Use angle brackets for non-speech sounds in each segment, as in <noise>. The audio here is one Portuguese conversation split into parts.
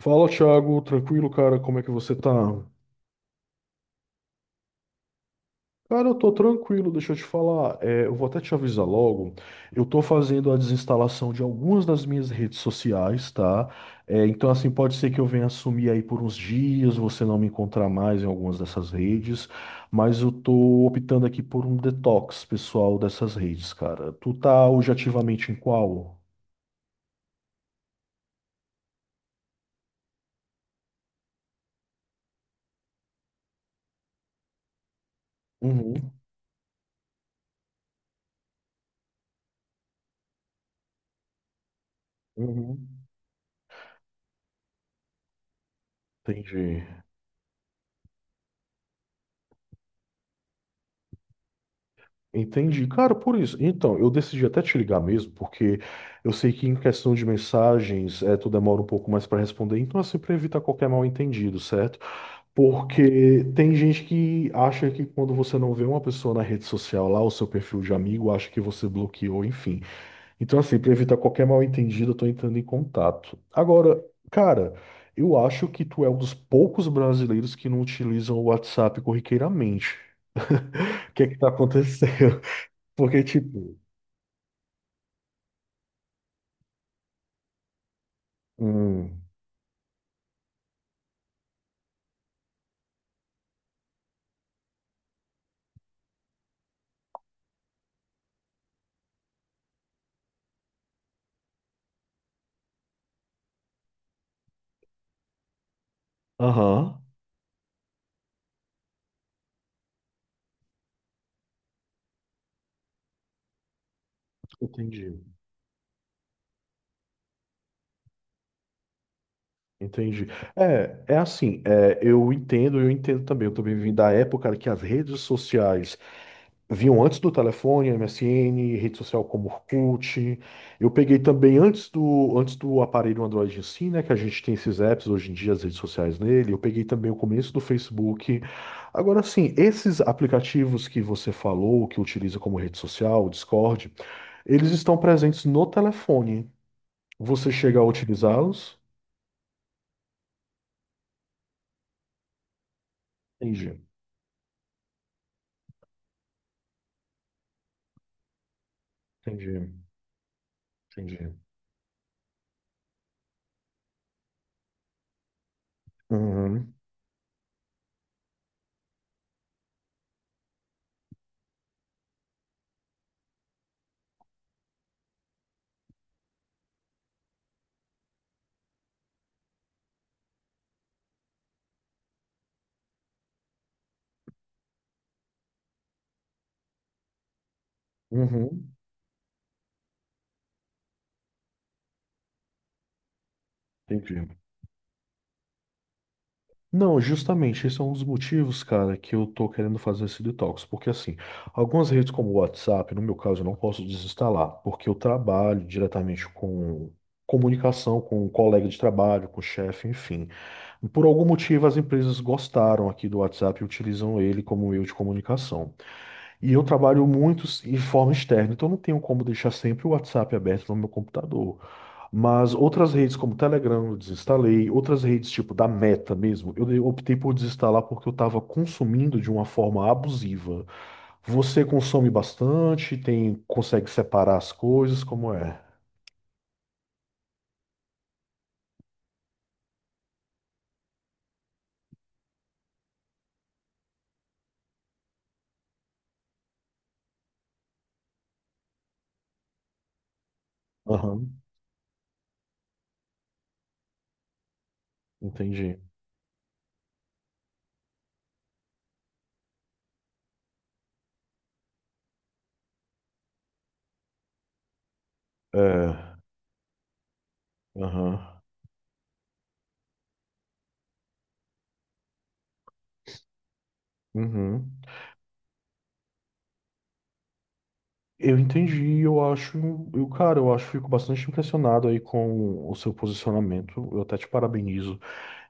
Fala, Thiago, tranquilo, cara? Como é que você tá? Cara, eu tô tranquilo, deixa eu te falar. Eu vou até te avisar logo. Eu tô fazendo a desinstalação de algumas das minhas redes sociais, tá? Então, pode ser que eu venha sumir aí por uns dias, você não me encontrar mais em algumas dessas redes, mas eu tô optando aqui por um detox pessoal dessas redes, cara. Tu tá hoje ativamente em qual? Uhum, uhum. Entendi. Entendi. Cara, por isso. Então, eu decidi até te ligar mesmo, porque eu sei que em questão de mensagens, tu demora um pouco mais para responder, então assim, para evitar qualquer mal-entendido, certo? Porque tem gente que acha que quando você não vê uma pessoa na rede social lá, o seu perfil de amigo, acha que você bloqueou, enfim. Então, assim, para evitar qualquer mal-entendido, eu tô entrando em contato. Agora, cara, eu acho que tu é um dos poucos brasileiros que não utilizam o WhatsApp corriqueiramente. <laughs> O que é que tá acontecendo? Porque, tipo, hum, aham, entendi, entendi. É, é assim, é, eu entendo também. Eu também vim da época que as redes sociais vinham antes do telefone, MSN, rede social como Orkut. Eu peguei também antes do aparelho Android em si, né, que a gente tem esses apps hoje em dia, as redes sociais nele. Eu peguei também o começo do Facebook. Agora, sim, esses aplicativos que você falou, que utiliza como rede social, o Discord, eles estão presentes no telefone. Você chega a utilizá-los? Entendi, entendi, entendi. Uhum, uhum, entendi. Não, justamente, esse é um dos motivos, cara, que eu tô querendo fazer esse detox. Porque, assim, algumas redes como o WhatsApp, no meu caso, eu não posso desinstalar, porque eu trabalho diretamente com comunicação, com um colega de trabalho, com o chefe, enfim. Por algum motivo, as empresas gostaram aqui do WhatsApp e utilizam ele como meio de comunicação. E eu trabalho muito de forma externa, então não tenho como deixar sempre o WhatsApp aberto no meu computador. Mas outras redes como Telegram eu desinstalei, outras redes tipo da Meta mesmo, eu optei por desinstalar porque eu estava consumindo de uma forma abusiva. Você consome bastante, tem, consegue separar as coisas, como é? Aham, entendi. É, aham, uhum. Eu entendi, eu acho, eu, cara, eu acho, fico bastante impressionado aí com o seu posicionamento. Eu até te parabenizo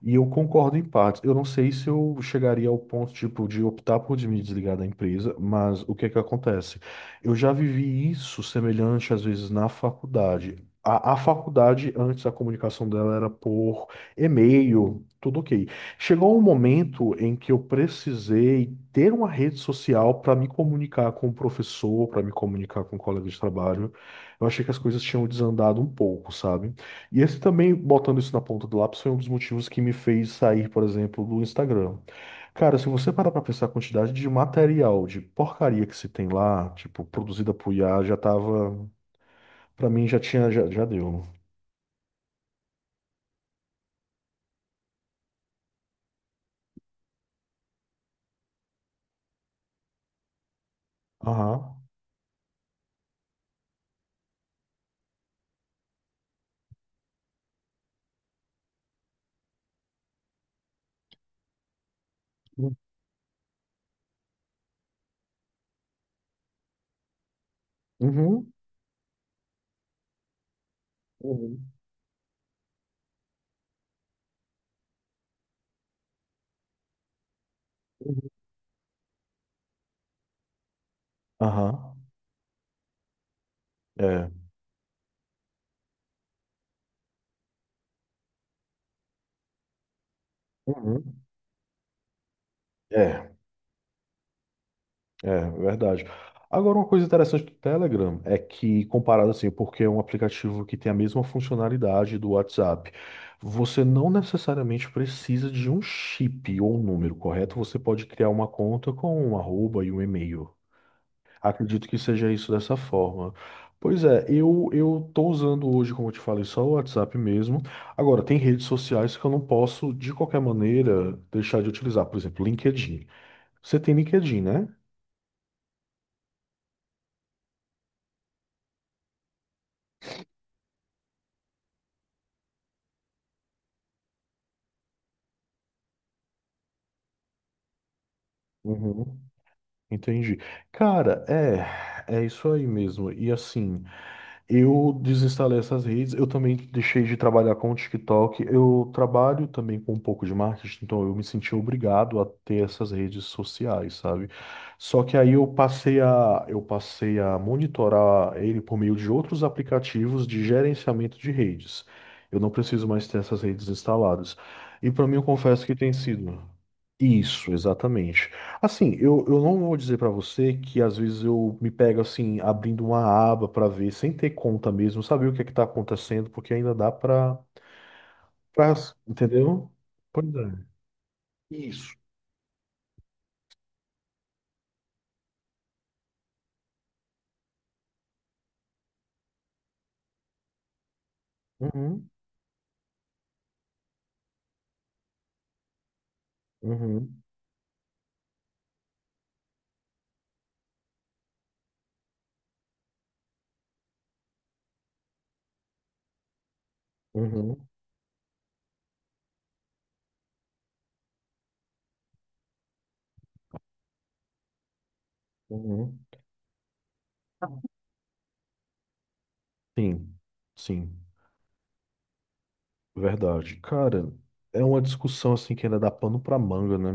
e eu concordo em partes. Eu não sei se eu chegaria ao ponto, tipo, de optar por me desligar da empresa, mas o que é que acontece? Eu já vivi isso semelhante, às vezes, na faculdade. A faculdade, antes, a comunicação dela era por e-mail, tudo ok. Chegou um momento em que eu precisei ter uma rede social para me comunicar com o professor, para me comunicar com o colega de trabalho. Eu achei que as coisas tinham desandado um pouco, sabe? E esse também, botando isso na ponta do lápis, foi um dos motivos que me fez sair, por exemplo, do Instagram. Cara, se você parar pra pensar a quantidade de material, de porcaria que se tem lá, tipo, produzida por IA, já tava. Pra mim já tinha, já deu. Aham. Uhum. Uhum. Uhum. Aham. É. Uhum. É. É, verdade. Agora, uma coisa interessante do Telegram é que, comparado assim, porque é um aplicativo que tem a mesma funcionalidade do WhatsApp, você não necessariamente precisa de um chip ou um número, correto? Você pode criar uma conta com um arroba e um e-mail. Acredito que seja isso dessa forma. Pois é, eu tô usando hoje, como eu te falei, só o WhatsApp mesmo. Agora, tem redes sociais que eu não posso, de qualquer maneira, deixar de utilizar. Por exemplo, LinkedIn. Você tem LinkedIn, né? Uhum. Entendi. Cara, é isso aí mesmo. E assim, eu desinstalei essas redes, eu também deixei de trabalhar com o TikTok. Eu trabalho também com um pouco de marketing, então eu me senti obrigado a ter essas redes sociais, sabe? Só que aí eu passei a monitorar ele por meio de outros aplicativos de gerenciamento de redes. Eu não preciso mais ter essas redes instaladas. E para mim, eu confesso que tem sido. Isso, exatamente. Assim, eu não vou dizer pra você que às vezes eu me pego assim, abrindo uma aba pra ver, sem ter conta mesmo, saber o que é que tá acontecendo, porque ainda dá pra, entendeu? Pois é. Isso. Uhum, uhum, uhum, uhum. Sim, sim, verdade. Cara, é uma discussão assim que ainda dá pano pra manga, né?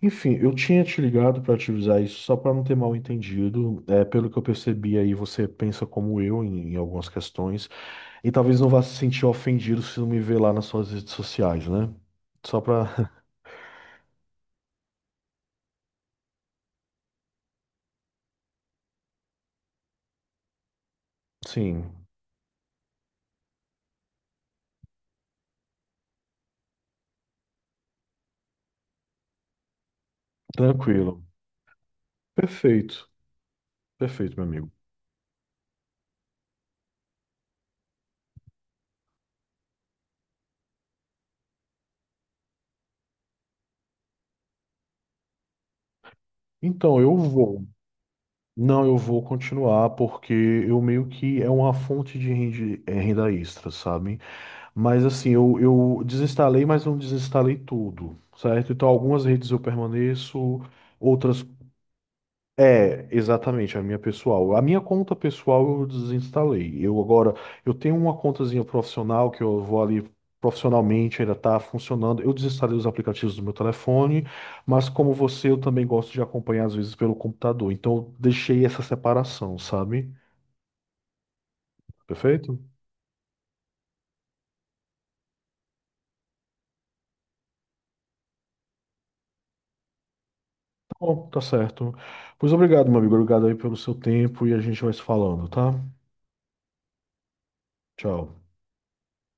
Enfim, eu tinha te ligado para te avisar isso só para não ter mal entendido. É, pelo que eu percebi aí, você pensa como eu em algumas questões e talvez não vá se sentir ofendido se não me ver lá nas suas redes sociais, né? Só para, <laughs> sim, tranquilo. Perfeito, perfeito, meu amigo. Então, eu vou. Não, eu vou continuar porque eu meio que é uma fonte de é, renda extra, sabe? Mas assim, eu desinstalei, mas não desinstalei tudo, certo? Então, algumas redes eu permaneço, outras. É, exatamente, a minha pessoal. A minha conta pessoal eu desinstalei. Eu agora, eu tenho uma contazinha profissional que eu vou ali profissionalmente, ainda tá funcionando. Eu desinstalei os aplicativos do meu telefone, mas como você, eu também gosto de acompanhar às vezes pelo computador. Então, eu deixei essa separação, sabe? Perfeito? Bom, tá certo. Pois obrigado, meu amigo. Obrigado aí pelo seu tempo e a gente vai se falando, tá? Tchau.